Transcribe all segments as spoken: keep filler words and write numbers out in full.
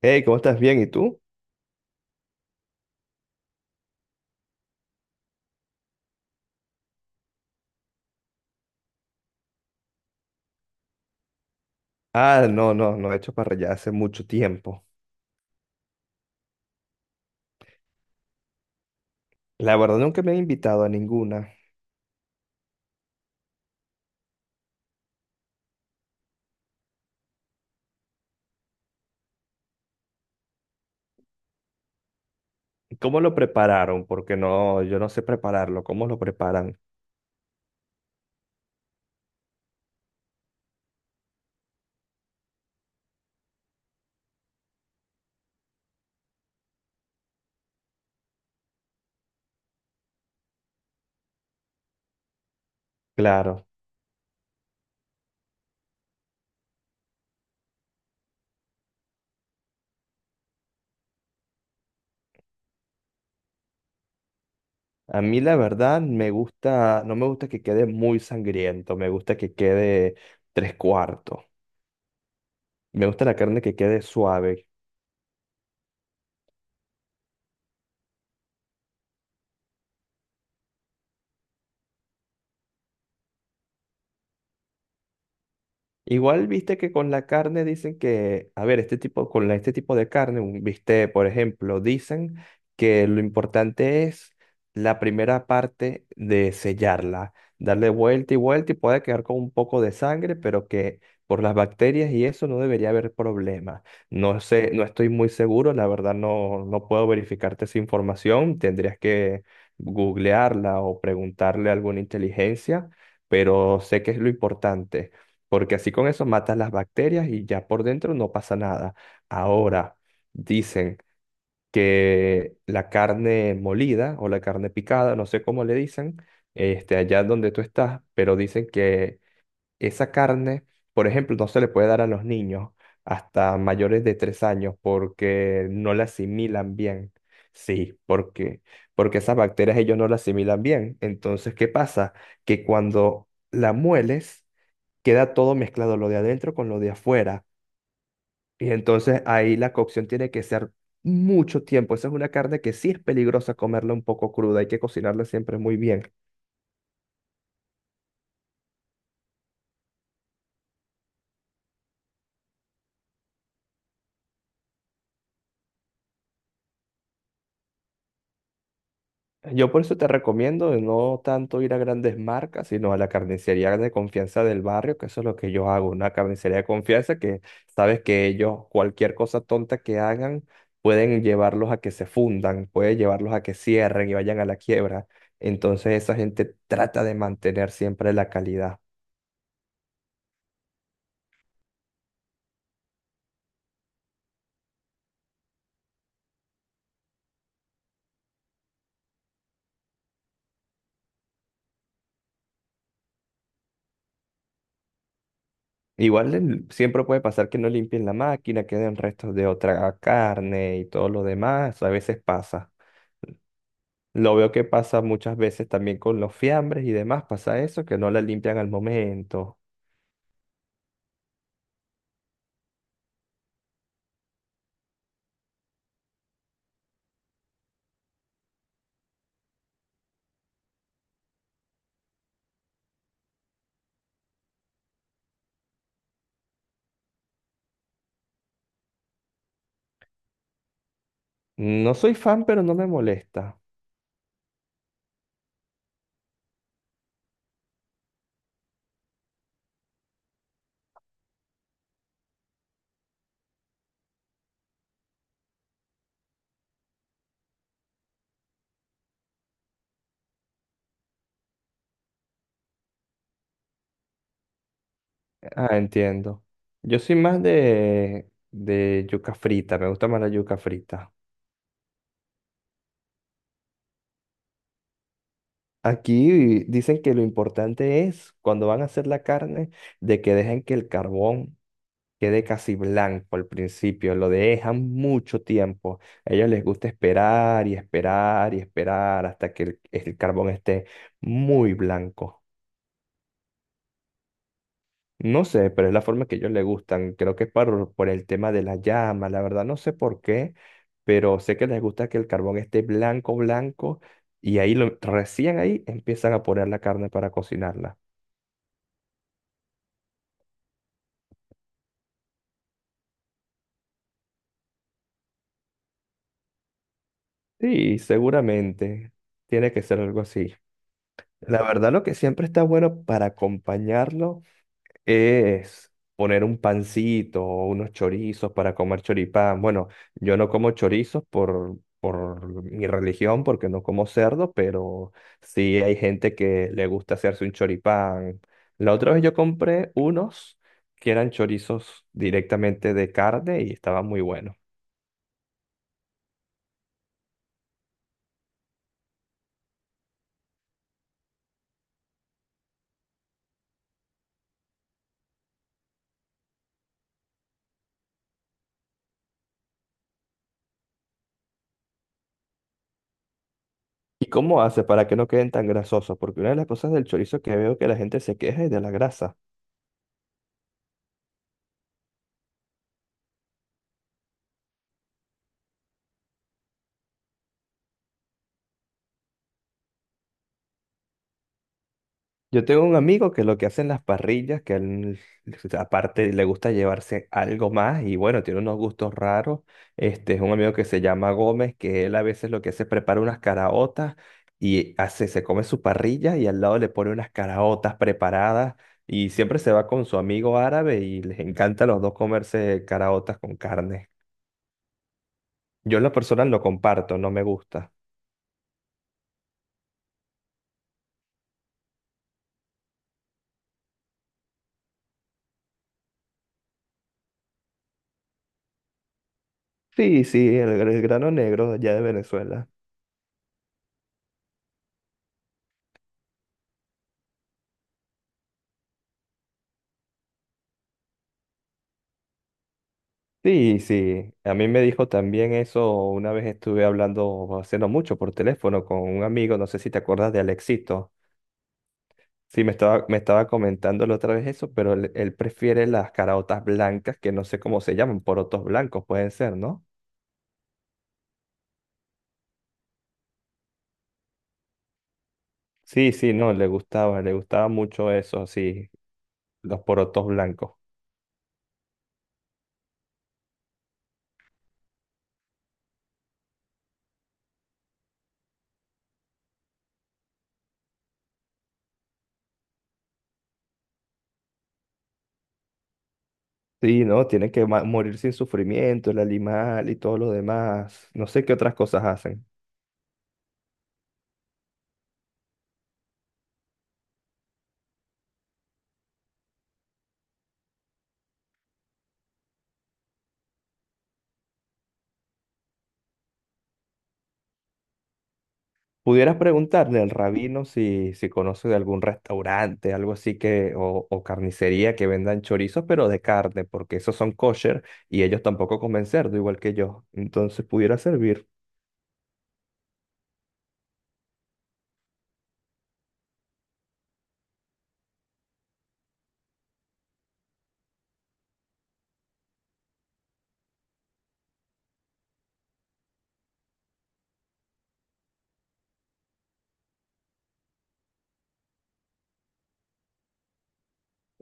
Hey, ¿cómo estás? Bien, ¿y tú? Ah, no, no, no he hecho para allá hace mucho tiempo. La verdad nunca me han invitado a ninguna. ¿Cómo lo prepararon? Porque no, yo no sé prepararlo. ¿Cómo lo preparan? Claro. A mí la verdad me gusta, no me gusta que quede muy sangriento, me gusta que quede tres cuartos. Me gusta la carne que quede suave. Igual viste que con la carne dicen que, a ver, este tipo, con la- este tipo de carne, un bistec, por ejemplo, dicen que lo importante es la primera parte de sellarla, darle vuelta y vuelta y puede quedar con un poco de sangre, pero que por las bacterias y eso no debería haber problema. No sé, no estoy muy seguro, la verdad no, no puedo verificarte esa información, tendrías que googlearla o preguntarle a alguna inteligencia, pero sé que es lo importante porque así con eso matas las bacterias y ya por dentro no pasa nada. Ahora, dicen que la carne molida o la carne picada, no sé cómo le dicen, este, allá donde tú estás, pero dicen que esa carne, por ejemplo, no se le puede dar a los niños hasta mayores de tres años porque no la asimilan bien. Sí, porque porque esas bacterias ellos no las asimilan bien. Entonces, ¿qué pasa? Que cuando la mueles queda todo mezclado, lo de adentro con lo de afuera. Y entonces ahí la cocción tiene que ser mucho tiempo. Esa es una carne que sí es peligrosa comerla un poco cruda, hay que cocinarla siempre muy bien. Yo por eso te recomiendo de no tanto ir a grandes marcas, sino a la carnicería de confianza del barrio, que eso es lo que yo hago, una carnicería de confianza que sabes que ellos, cualquier cosa tonta que hagan, pueden llevarlos a que se fundan, pueden llevarlos a que cierren y vayan a la quiebra. Entonces esa gente trata de mantener siempre la calidad. Igual el- siempre puede pasar que no limpien la máquina, queden restos de otra carne y todo lo demás. A veces pasa. Lo veo que pasa muchas veces también con los fiambres y demás. Pasa eso, que no la limpian al momento. No soy fan, pero no me molesta. Ah, entiendo. Yo soy más de, de yuca frita. Me gusta más la yuca frita. Aquí dicen que lo importante es, cuando van a hacer la carne, de que dejen que el carbón quede casi blanco al principio, lo dejan mucho tiempo. A ellos les gusta esperar y esperar y esperar hasta que el, el carbón esté muy blanco. No sé, pero es la forma que a ellos les gustan. Creo que es por, por el tema de la llama, la verdad no sé por qué, pero sé que les gusta que el carbón esté blanco, blanco, y ahí lo, recién ahí empiezan a poner la carne para cocinarla. Sí, seguramente. Tiene que ser algo así. La verdad, lo que siempre está bueno para acompañarlo es poner un pancito o unos chorizos para comer choripán. Bueno, yo no como chorizos por, por mi religión, porque no como cerdo, pero sí hay gente que le gusta hacerse un choripán. La otra vez yo compré unos que eran chorizos directamente de carne y estaban muy buenos. ¿Y cómo hace para que no queden tan grasosos? Porque una de las cosas del chorizo que veo que la gente se queja es de la grasa. Yo tengo un amigo que lo que hace en las parrillas, que él, aparte le gusta llevarse algo más y bueno, tiene unos gustos raros. Este es un amigo que se llama Gómez, que él a veces lo que hace es prepara unas caraotas y hace, se come su parrilla y al lado le pone unas caraotas preparadas y siempre se va con su amigo árabe y les encanta a los dos comerse caraotas con carne. Yo en lo personal lo comparto, no me gusta. Sí, sí, el, el grano negro de allá de Venezuela. Sí, sí, a mí me dijo también eso, una vez estuve hablando, haciendo mucho por teléfono con un amigo, no sé si te acuerdas de Alexito. Sí, me estaba, me estaba comentando la otra vez eso, pero él, él prefiere las caraotas blancas, que no sé cómo se llaman, porotos blancos pueden ser, ¿no? Sí, sí, no, le gustaba, le gustaba mucho eso, sí, los porotos blancos. Sí, no, tienen que ma- morir sin sufrimiento, el animal y todo lo demás. No sé qué otras cosas hacen. Pudieras preguntarle al rabino si, si conoce de algún restaurante, algo así que, o, o carnicería que vendan chorizos, pero de carne, porque esos son kosher y ellos tampoco comen cerdo, igual que yo. Entonces pudiera servir.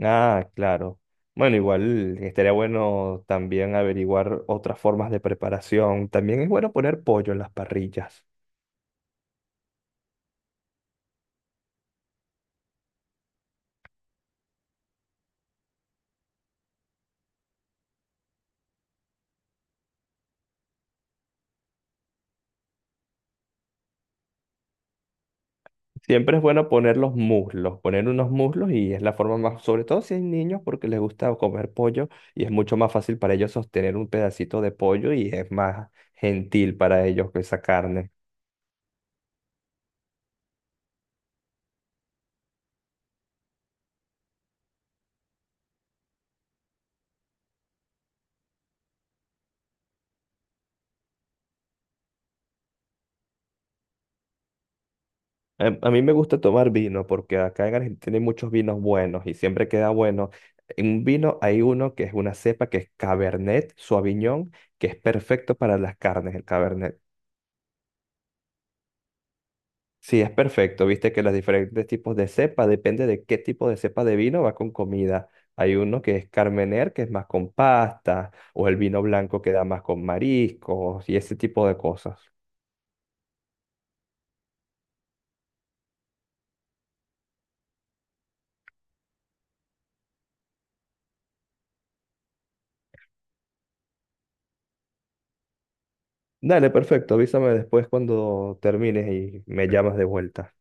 Ah, claro. Bueno, igual estaría bueno también averiguar otras formas de preparación. También es bueno poner pollo en las parrillas. Siempre es bueno poner los muslos, poner unos muslos y es la forma más, sobre todo si hay niños porque les gusta comer pollo y es mucho más fácil para ellos sostener un pedacito de pollo y es más gentil para ellos que esa carne. Em, A mí me gusta tomar vino porque acá en Argentina hay muchos vinos buenos y siempre queda bueno. En un vino hay uno que es una cepa que es Cabernet Sauvignon, que es perfecto para las carnes, el Cabernet. Sí, es perfecto. Viste que los diferentes tipos de cepa, depende de qué tipo de cepa de vino va con comida. Hay uno que es Carmener, que es más con pasta, o el vino blanco que da más con mariscos y ese tipo de cosas. Dale, perfecto. Avísame después cuando termines y me llamas de vuelta.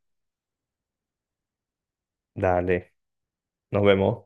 Dale, nos vemos.